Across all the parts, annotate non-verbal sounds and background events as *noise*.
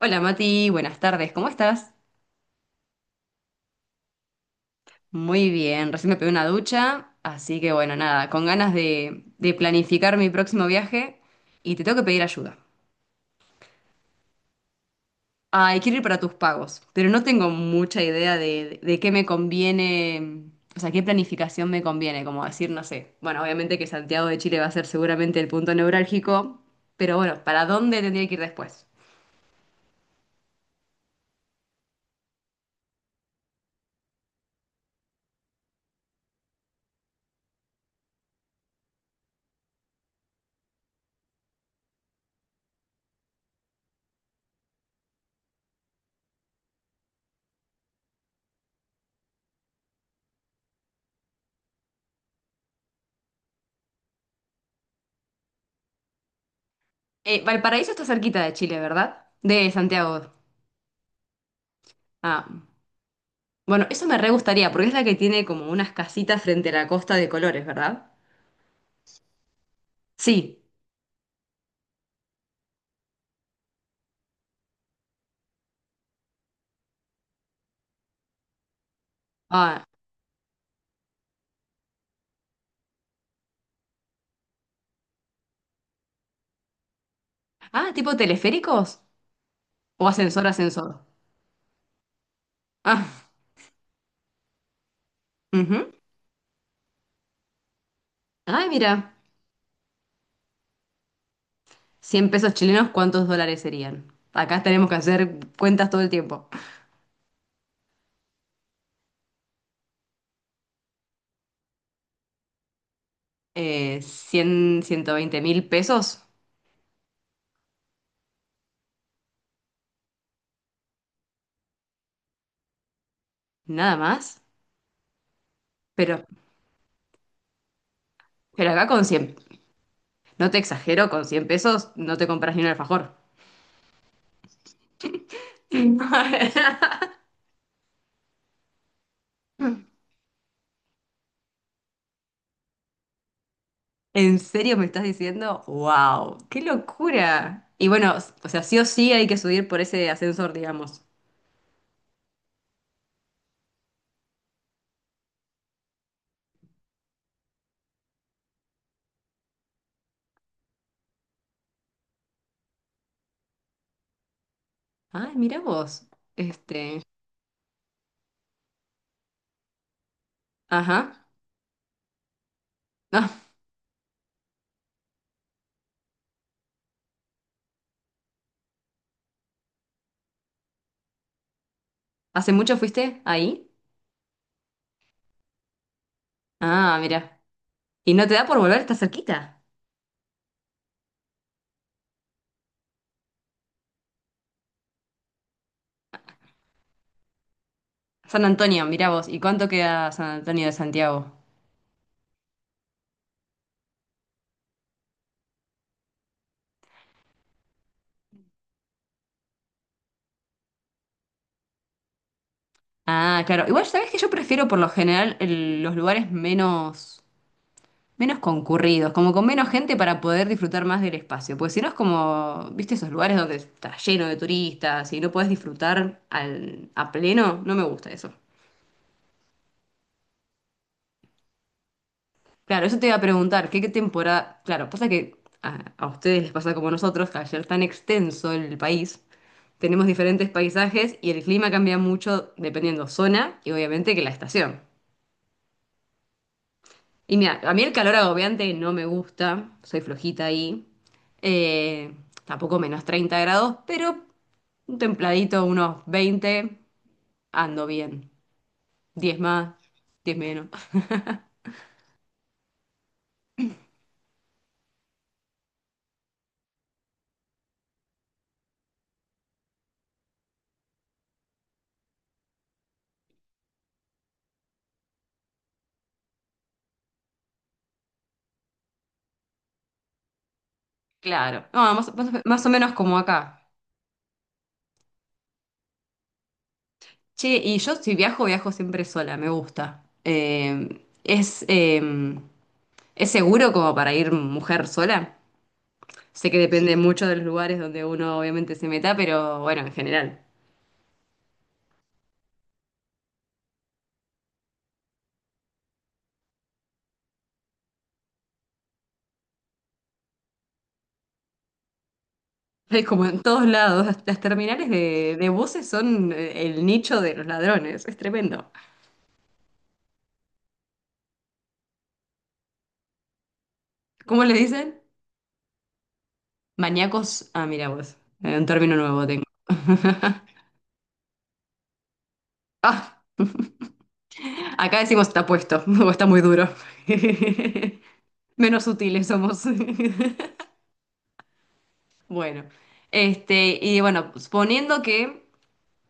Hola Mati, buenas tardes, ¿cómo estás? Muy bien, recién me pegué una ducha, así que bueno, nada, con ganas de planificar mi próximo viaje y te tengo que pedir ayuda. Ay, quiero ir para tus pagos, pero no tengo mucha idea de qué me conviene, o sea, qué planificación me conviene, como decir, no sé. Bueno, obviamente que Santiago de Chile va a ser seguramente el punto neurálgico, pero bueno, ¿para dónde tendría que ir después? Valparaíso está cerquita de Chile, ¿verdad? De Santiago. Ah. Bueno, eso me re gustaría, porque es la que tiene como unas casitas frente a la costa de colores, ¿verdad? Sí. Ah, ah, ¿tipo teleféricos? ¿O ascensor? Ah, ujú. Ay, mira, 100 pesos chilenos, ¿cuántos dólares serían? Acá tenemos que hacer cuentas todo el tiempo. 100, 120.000 pesos, nada más. Pero, pero acá con 100, no te exagero, con 100 pesos no te compras ni un alfajor. *laughs* ¿En serio me estás diciendo? ¡Wow! ¡Qué locura! Y bueno, o sea, sí o sí hay que subir por ese ascensor, digamos. Ay, mira vos. Este. Ajá. Ah, ¿hace mucho fuiste ahí? Ah, mira. ¿Y no te da por volver? Está cerquita. San Antonio, mira vos. ¿Y cuánto queda San Antonio de Santiago? Ah, claro. Igual, ¿sabés que yo prefiero por lo general los lugares menos. Menos concurridos, como con menos gente para poder disfrutar más del espacio. Porque si no es como, viste, esos lugares donde está lleno de turistas y no podés disfrutar a pleno, no me gusta eso. Claro, eso te iba a preguntar, ¿qué temporada? Claro, pasa que a ustedes les pasa como a nosotros, que al ser tan extenso el país, tenemos diferentes paisajes y el clima cambia mucho dependiendo zona y obviamente que la estación. Y mira, a mí el calor agobiante no me gusta, soy flojita ahí. Eh, tampoco menos 30 grados, pero un templadito, unos 20 ando bien. Diez más, 10 menos. Claro. No, más, más o menos como acá. Che, y yo si viajo, viajo siempre sola, me gusta. ¿Es seguro como para ir mujer sola? Sé que depende mucho de los lugares donde uno obviamente se meta, pero bueno, en general. Es como en todos lados. Las terminales de buses son el nicho de los ladrones. Es tremendo. ¿Cómo le dicen? Maníacos. Ah, mira vos. Un término nuevo tengo. *laughs* Ah, acá decimos está puesto *laughs* o está muy duro. *laughs* Menos sutiles somos. *laughs* Bueno, este, y bueno,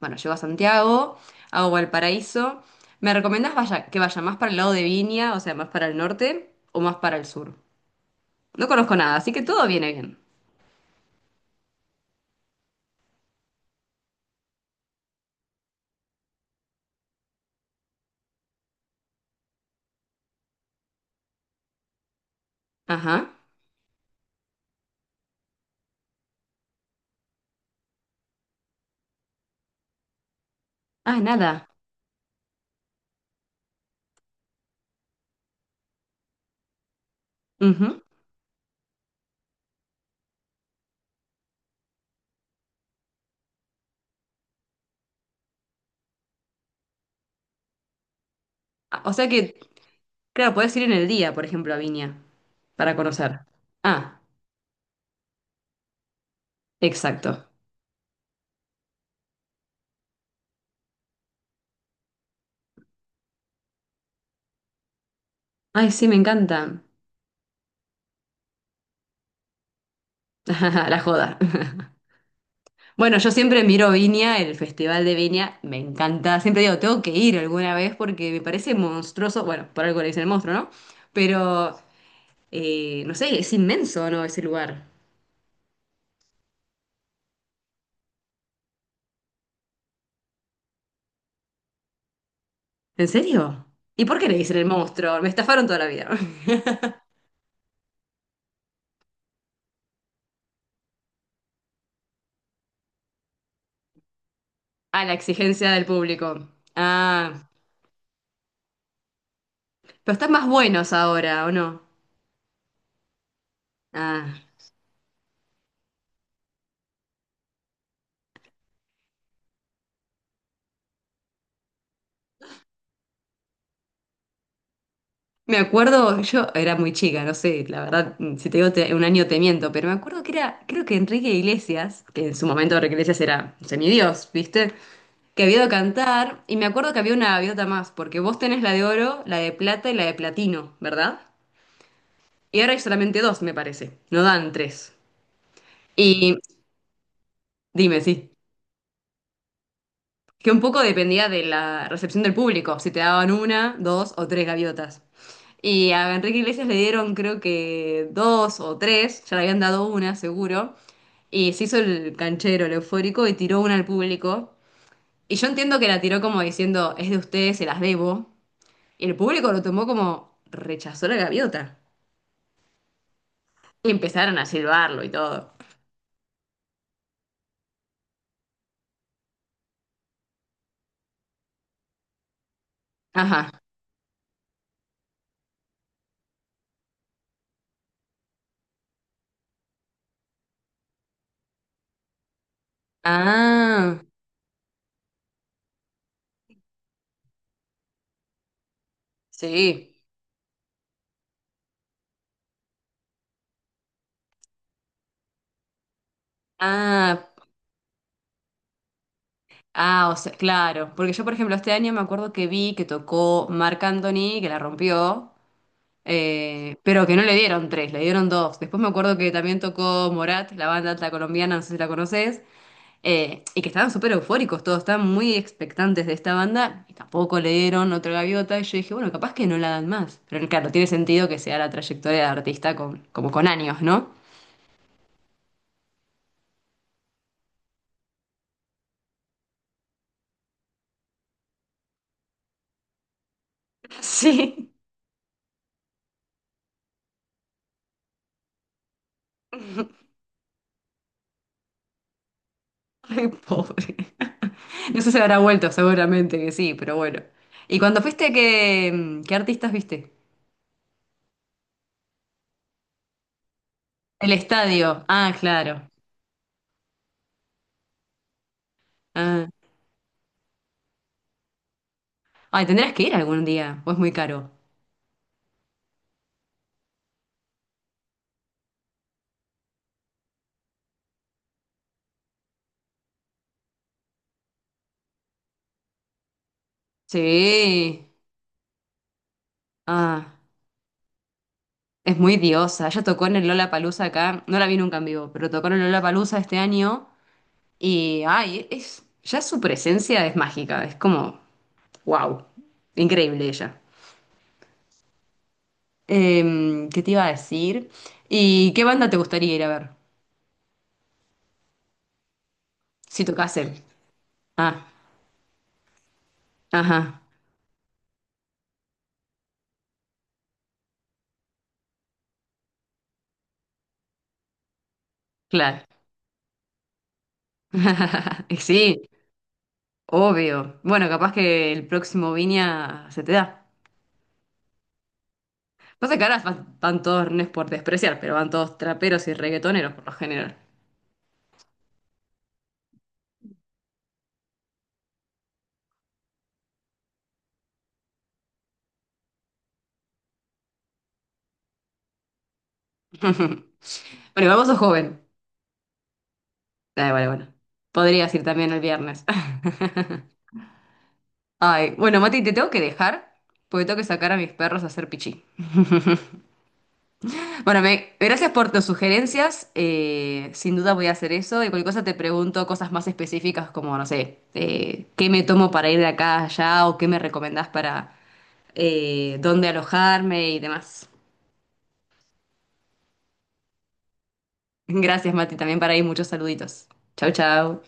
bueno, llego a Santiago, hago Valparaíso, ¿me recomiendas que vaya más para el lado de Viña, o sea, más para el norte o más para el sur? No conozco nada, así que todo viene bien. Ajá. Ah, nada. Ujú. Ah, o sea que, claro, puedes ir en el día, por ejemplo, a Viña para conocer. Ah, exacto. Ay, sí, me encanta. *laughs* La joda. *laughs* Bueno, yo siempre miro Viña, el Festival de Viña, me encanta. Siempre digo, tengo que ir alguna vez porque me parece monstruoso. Bueno, por algo le dicen el monstruo, ¿no? Pero, no sé, es inmenso, ¿no? Ese lugar. ¿En serio? ¿Y por qué le dicen el monstruo? Me estafaron toda la vida. *laughs* A la exigencia del público. Ah, pero están más buenos ahora, ¿o no? Ah. Me acuerdo, yo era muy chica, no sé, la verdad, si te digo un año te miento, pero me acuerdo que era, creo que Enrique Iglesias, que en su momento Enrique Iglesias era semidios, ¿viste? Que había ido a cantar, y me acuerdo que había una gaviota más, porque vos tenés la de oro, la de plata y la de platino, ¿verdad? Y ahora hay solamente dos, me parece, no dan tres. Y dime, sí. Que un poco dependía de la recepción del público, si te daban una, dos o tres gaviotas. Y a Enrique Iglesias le dieron creo que dos o tres, ya le habían dado una seguro, y se hizo el canchero, el eufórico, y tiró una al público. Y yo entiendo que la tiró como diciendo, es de ustedes, se las debo. Y el público lo tomó como, rechazó la gaviota. Y empezaron a silbarlo y todo. Ajá. Ah, sí. Ah, ah, o sea, claro, porque yo, por ejemplo, este año me acuerdo que vi que tocó Marc Anthony, que la rompió, pero que no le dieron tres, le dieron dos. Después me acuerdo que también tocó Morat, la banda alta colombiana, no sé si la conoces, y que estaban súper eufóricos todos, estaban muy expectantes de esta banda, y tampoco le dieron otra gaviota, y yo dije, bueno, capaz que no la dan más. Pero claro, no tiene sentido que sea la trayectoria de artista con, como con años, ¿no? *laughs* Sí. Ay, pobre. *laughs* No sé si habrá vuelto, seguramente que sí, pero bueno. ¿Y cuando fuiste, qué, qué artistas viste? El estadio. Ah, claro. Ah. Ay, tendrás que ir algún día, o es muy caro. Sí. Ah, es muy diosa. Ella tocó en el Lollapalooza acá. No la vi nunca en vivo, pero tocó en el Lollapalooza este año. Y, ay, es, ya su presencia es mágica. Es como, wow. Increíble ella. ¿Qué te iba a decir? ¿Y qué banda te gustaría ir a ver? Si tocasen. Ah, ajá, claro. *laughs* Sí, obvio. Bueno, capaz que el próximo Viña se te da. No sé, caras van, van todos, no es por despreciar, pero van todos traperos y reggaetoneros por lo general. *laughs* Bueno, igual vos sos joven. Ah, vale, bueno. Podrías ir también el viernes. *laughs* Ay, bueno, Mati, te tengo que dejar porque tengo que sacar a mis perros a hacer pichí. Bueno, gracias por tus sugerencias. Sin duda voy a hacer eso. Y cualquier cosa te pregunto cosas más específicas como, no sé, qué me tomo para ir de acá a allá o qué me recomendás para dónde alojarme y demás. *laughs* Gracias, Mati, también para ahí muchos saluditos. Chau, chau.